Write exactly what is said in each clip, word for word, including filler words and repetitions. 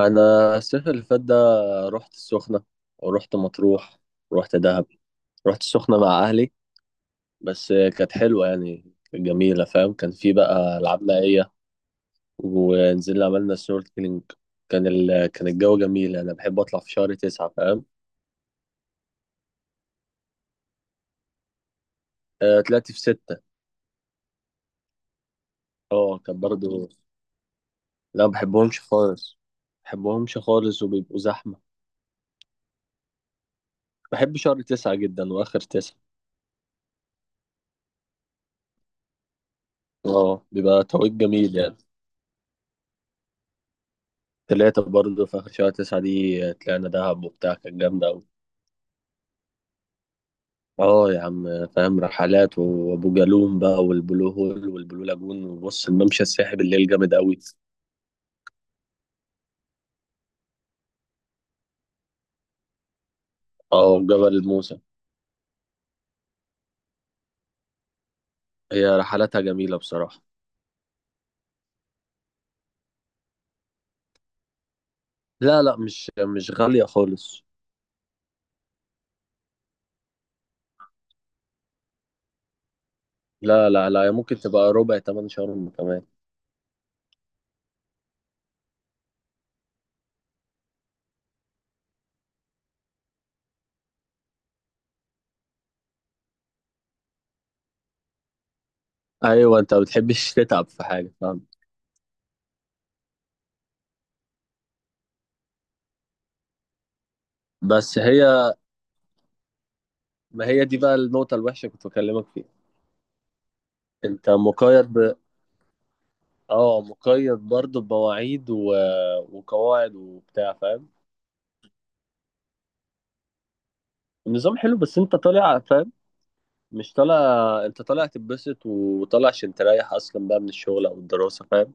انا. الصيف اللي فات ده رحت السخنه، ورحت مطروح، ورحت دهب. رحت السخنه مع اهلي، بس كانت حلوه يعني، كانت جميله فاهم، كان في بقى العاب مائيه. ونزلنا عملنا سنوركلينج. كان ال... كان الجو جميل، انا بحب اطلع في شهر تسعة فاهم. آه، طلعت في ستة. اه، كان برضو. لا، ما بحبهمش خالص. ما بحبهمش خالص وبيبقوا زحمه. بحب شهر تسعة جدا، واخر تسعة. اه، بيبقى توقيت جميل يعني. تلاتة برضه في آخر شهر تسعة دي طلعنا دهب وبتاع، كانت جامدة أوي. اه يا عم فاهم، رحلات وأبو جالوم بقى، والبلو هول والبلو لاجون، وبص الممشى الساحب الليل جامد أوي. اه، وجبل الموسى. هي رحلاتها جميلة بصراحة. لا، لا، مش مش غالية خالص. لا، لا، لا، هي ممكن تبقى ربع تمن شهر كمان. أيوة، أنت ما بتحبش تتعب في حاجة فاهم. بس هي ما هي دي بقى النقطة الوحشة كنت بكلمك فيها. أنت مقيد. اه، مقيد برضه بمواعيد و... وقواعد وبتاع فاهم. النظام حلو، بس انت طالع فاهم، مش طالع. انت طالع تتبسط، وطالع عشان تريح اصلا بقى من الشغل او الدراسه فاهم.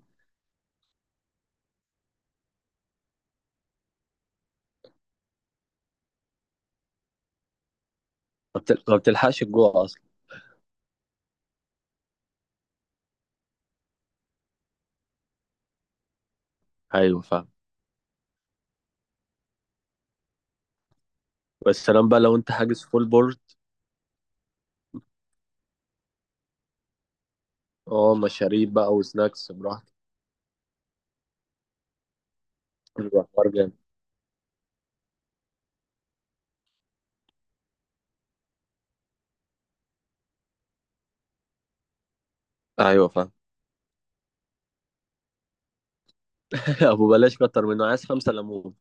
ما بت- ما بتلحقش الجوع اصلا. ايوه فاهم. بس سلام بقى لو انت حاجز فول بورد. اه، مشاريب بقى وسناكس براحتك. بيبقى الحوار جامد. ايوه فاهم. ابو بلاش كتر منه، عايز خمسه ليمون.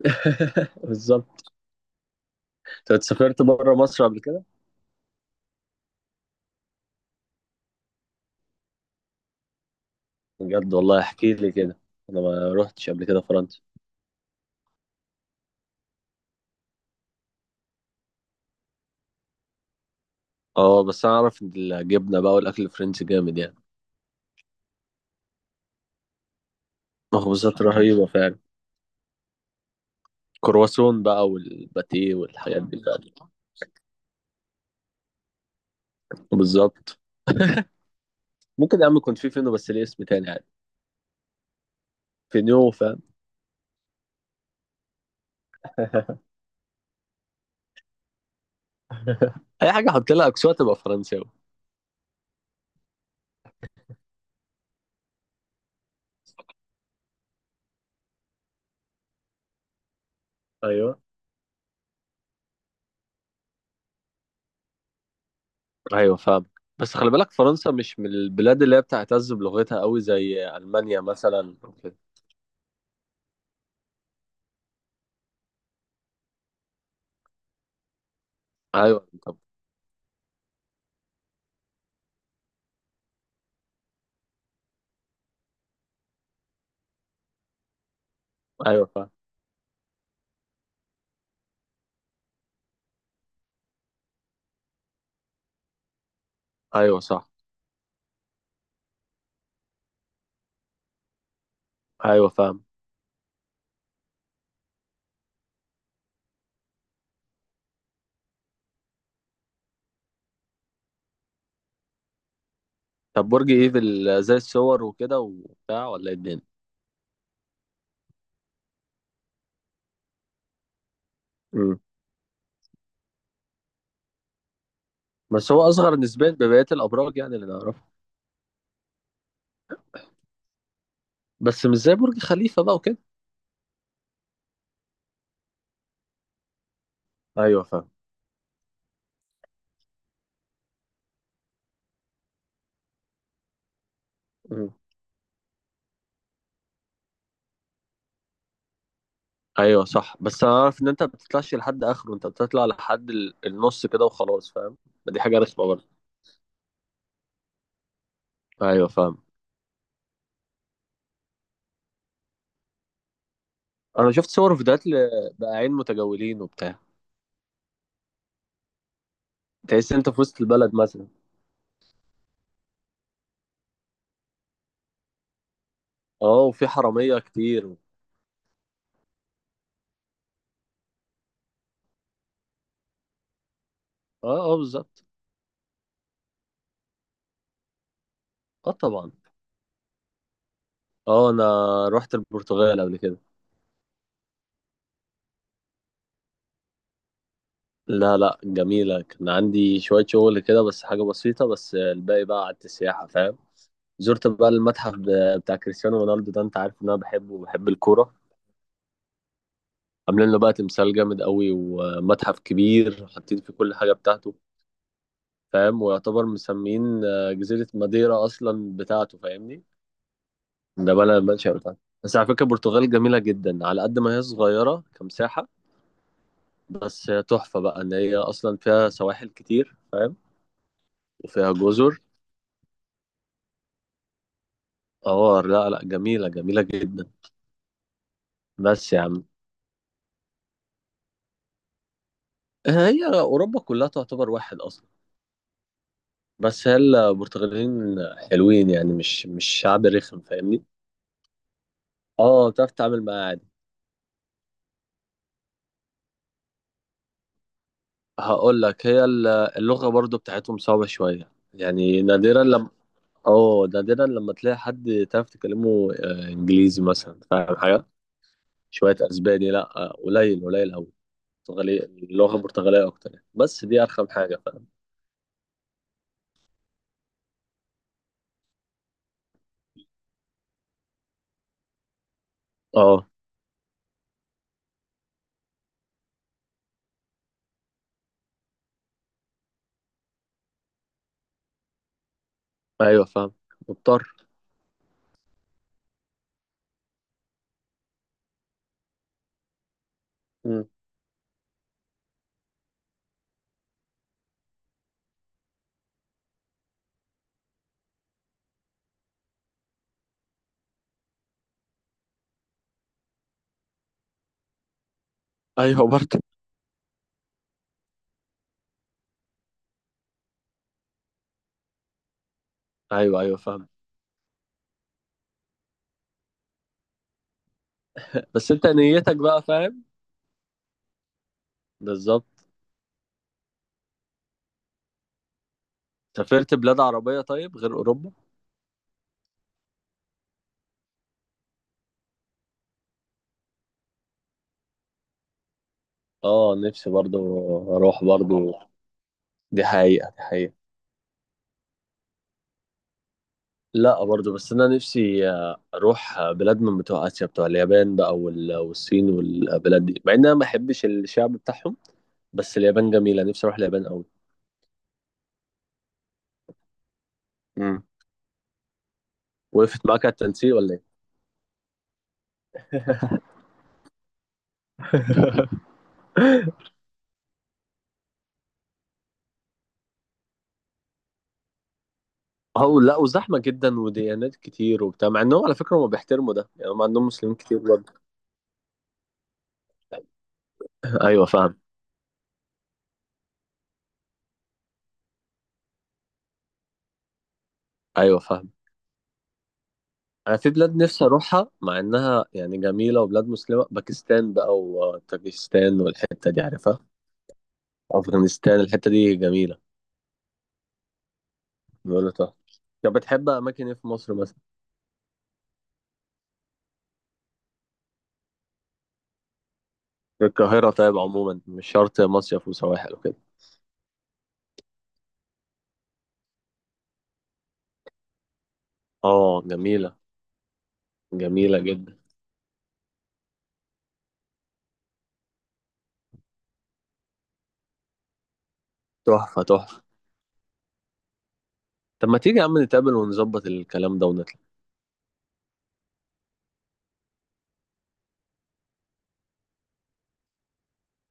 بالظبط. انت سافرت بره مصر قبل كده؟ بجد والله، احكي لي كده. انا ما روحتش قبل كده فرنسا. اه، بس اعرف ان الجبنه بقى والاكل الفرنسي جامد يعني. مخبوزات رهيبه فعلا. كرواسون بقى والباتيه والحاجات دي فعلا. بالظبط. ممكن يا عم يكون في فينو، بس ليه اسم تاني يعني. فينو فاهم. اي حاجه حط لها اكسوات تبقى فرنساوي. ايوه، ايوه، فاهم. بس خلي بالك، فرنسا مش من البلاد اللي هي بتعتز بلغتها قوي، زي المانيا مثلا وكده. ايوه، طب. ايوه فاهم. ايوه صح. ايوه فاهم. طب برج ايفل زي الصور وكده وبتاع، ولا ايه الدنيا؟ بس هو اصغر نسبيا ببقيه الابراج يعني، اللي نعرفها. بس مش زي برج خليفه بقى وكده. ايوه فاهم. مم. ايوه صح، بس انا عارف ان انت ما بتطلعش لحد اخره، انت بتطلع لحد ال- النص كده وخلاص فاهم. ما دي حاجه رخمه برضه. ايوه فاهم. انا شفت صور وفيديوهات لبقاعين متجولين وبتاع. تحس انت في وسط البلد مثلا. اه، وفي حراميه كتير و... اه، اه، بالظبط. اه طبعا. اه، انا رحت البرتغال قبل كده. لا، لا، جميلة، كان عندي شوية شغل كده بس، حاجة بسيطة، بس الباقي بقى قعدت السياحة فاهم. زرت بقى المتحف ب- بتاع كريستيانو رونالدو ده، انت عارف ان انا بحبه وبحب الكورة. عاملين له بقى تمثال جامد قوي، ومتحف كبير حاطين فيه كل حاجة بتاعته. فاهم، ويعتبر مسمين آه، جزيرة ماديرا اصلا بتاعته فاهمني. ده بقى المنشأ بتاعته، بس على فكرة البرتغال جميلة جدا على قد ما هي صغيرة كمساحة. بس هي تحفة بقى، ان هي اصلا فيها سواحل كتير فاهم. وفيها جزر. اه، لا، لا، جميلة جميلة جدا. بس يا عم، هي أوروبا كلها تعتبر واحد أصلا. بس هي البرتغاليين حلوين يعني، مش مش شعب رخم فاهمني. اه، بتعرف تتعامل معاه عادي. هقول لك، هي ال- اللغة برضو بتاعتهم صعبة شوية يعني، نادرا لما اه نادرا لما تلاقي حد تعرف تكلمه آه، إنجليزي مثلا، فاهم حاجة. شوية أسباني، لا، آه، قليل قليل أوي. برتغالي، اللغة البرتغالية أكتر يعني. بس دي أرخم حاجة فاهم. اه، أيوه فاهم. مضطر. ايوه برضه. ايوه، ايوه، فاهم. بس انت نيتك بقى فاهم. بالظبط. سافرت بلاد عربية طيب، غير اوروبا؟ اه، نفسي برضه. اروح برضه. دي حقيقة، دي حقيقة. لا، برضه، بس انا نفسي اروح بلاد من بتوع اسيا، بتوع اليابان بقى وال- والصين والبلاد دي، مع ان انا ما بحبش الشعب بتاعهم. بس اليابان جميلة، نفسي اروح اليابان قوي. امم وقفت معاك على التنسيق ولا ايه؟ اه، لا، وزحمة جدا وديانات كتير وبتاع، مع انهم على فكرة هم بيحترموا ده يعني، هم عندهم مسلمين كتير برضه. ايوه فاهم. ايوه فاهم. انا في بلاد نفسي اروحها، مع انها يعني جميله وبلاد مسلمه، باكستان بقى وطاجيكستان والحته دي عارفها. افغانستان الحته دي جميله. بيقولوا تحفة. طب بتحب اماكن ايه في مصر مثلا؟ القاهره طيب، عموما مش شرط مصيف وسواحل وكده. اه جميله. جميله جدا. تحفه، تحفه. طب ما تيجي يا عم نتقابل ونظبط الكلام ده ونطلع.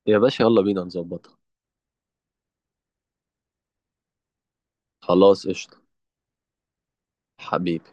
يا باشا، يلا بينا نظبطها. خلاص، قشطه. حبيبي.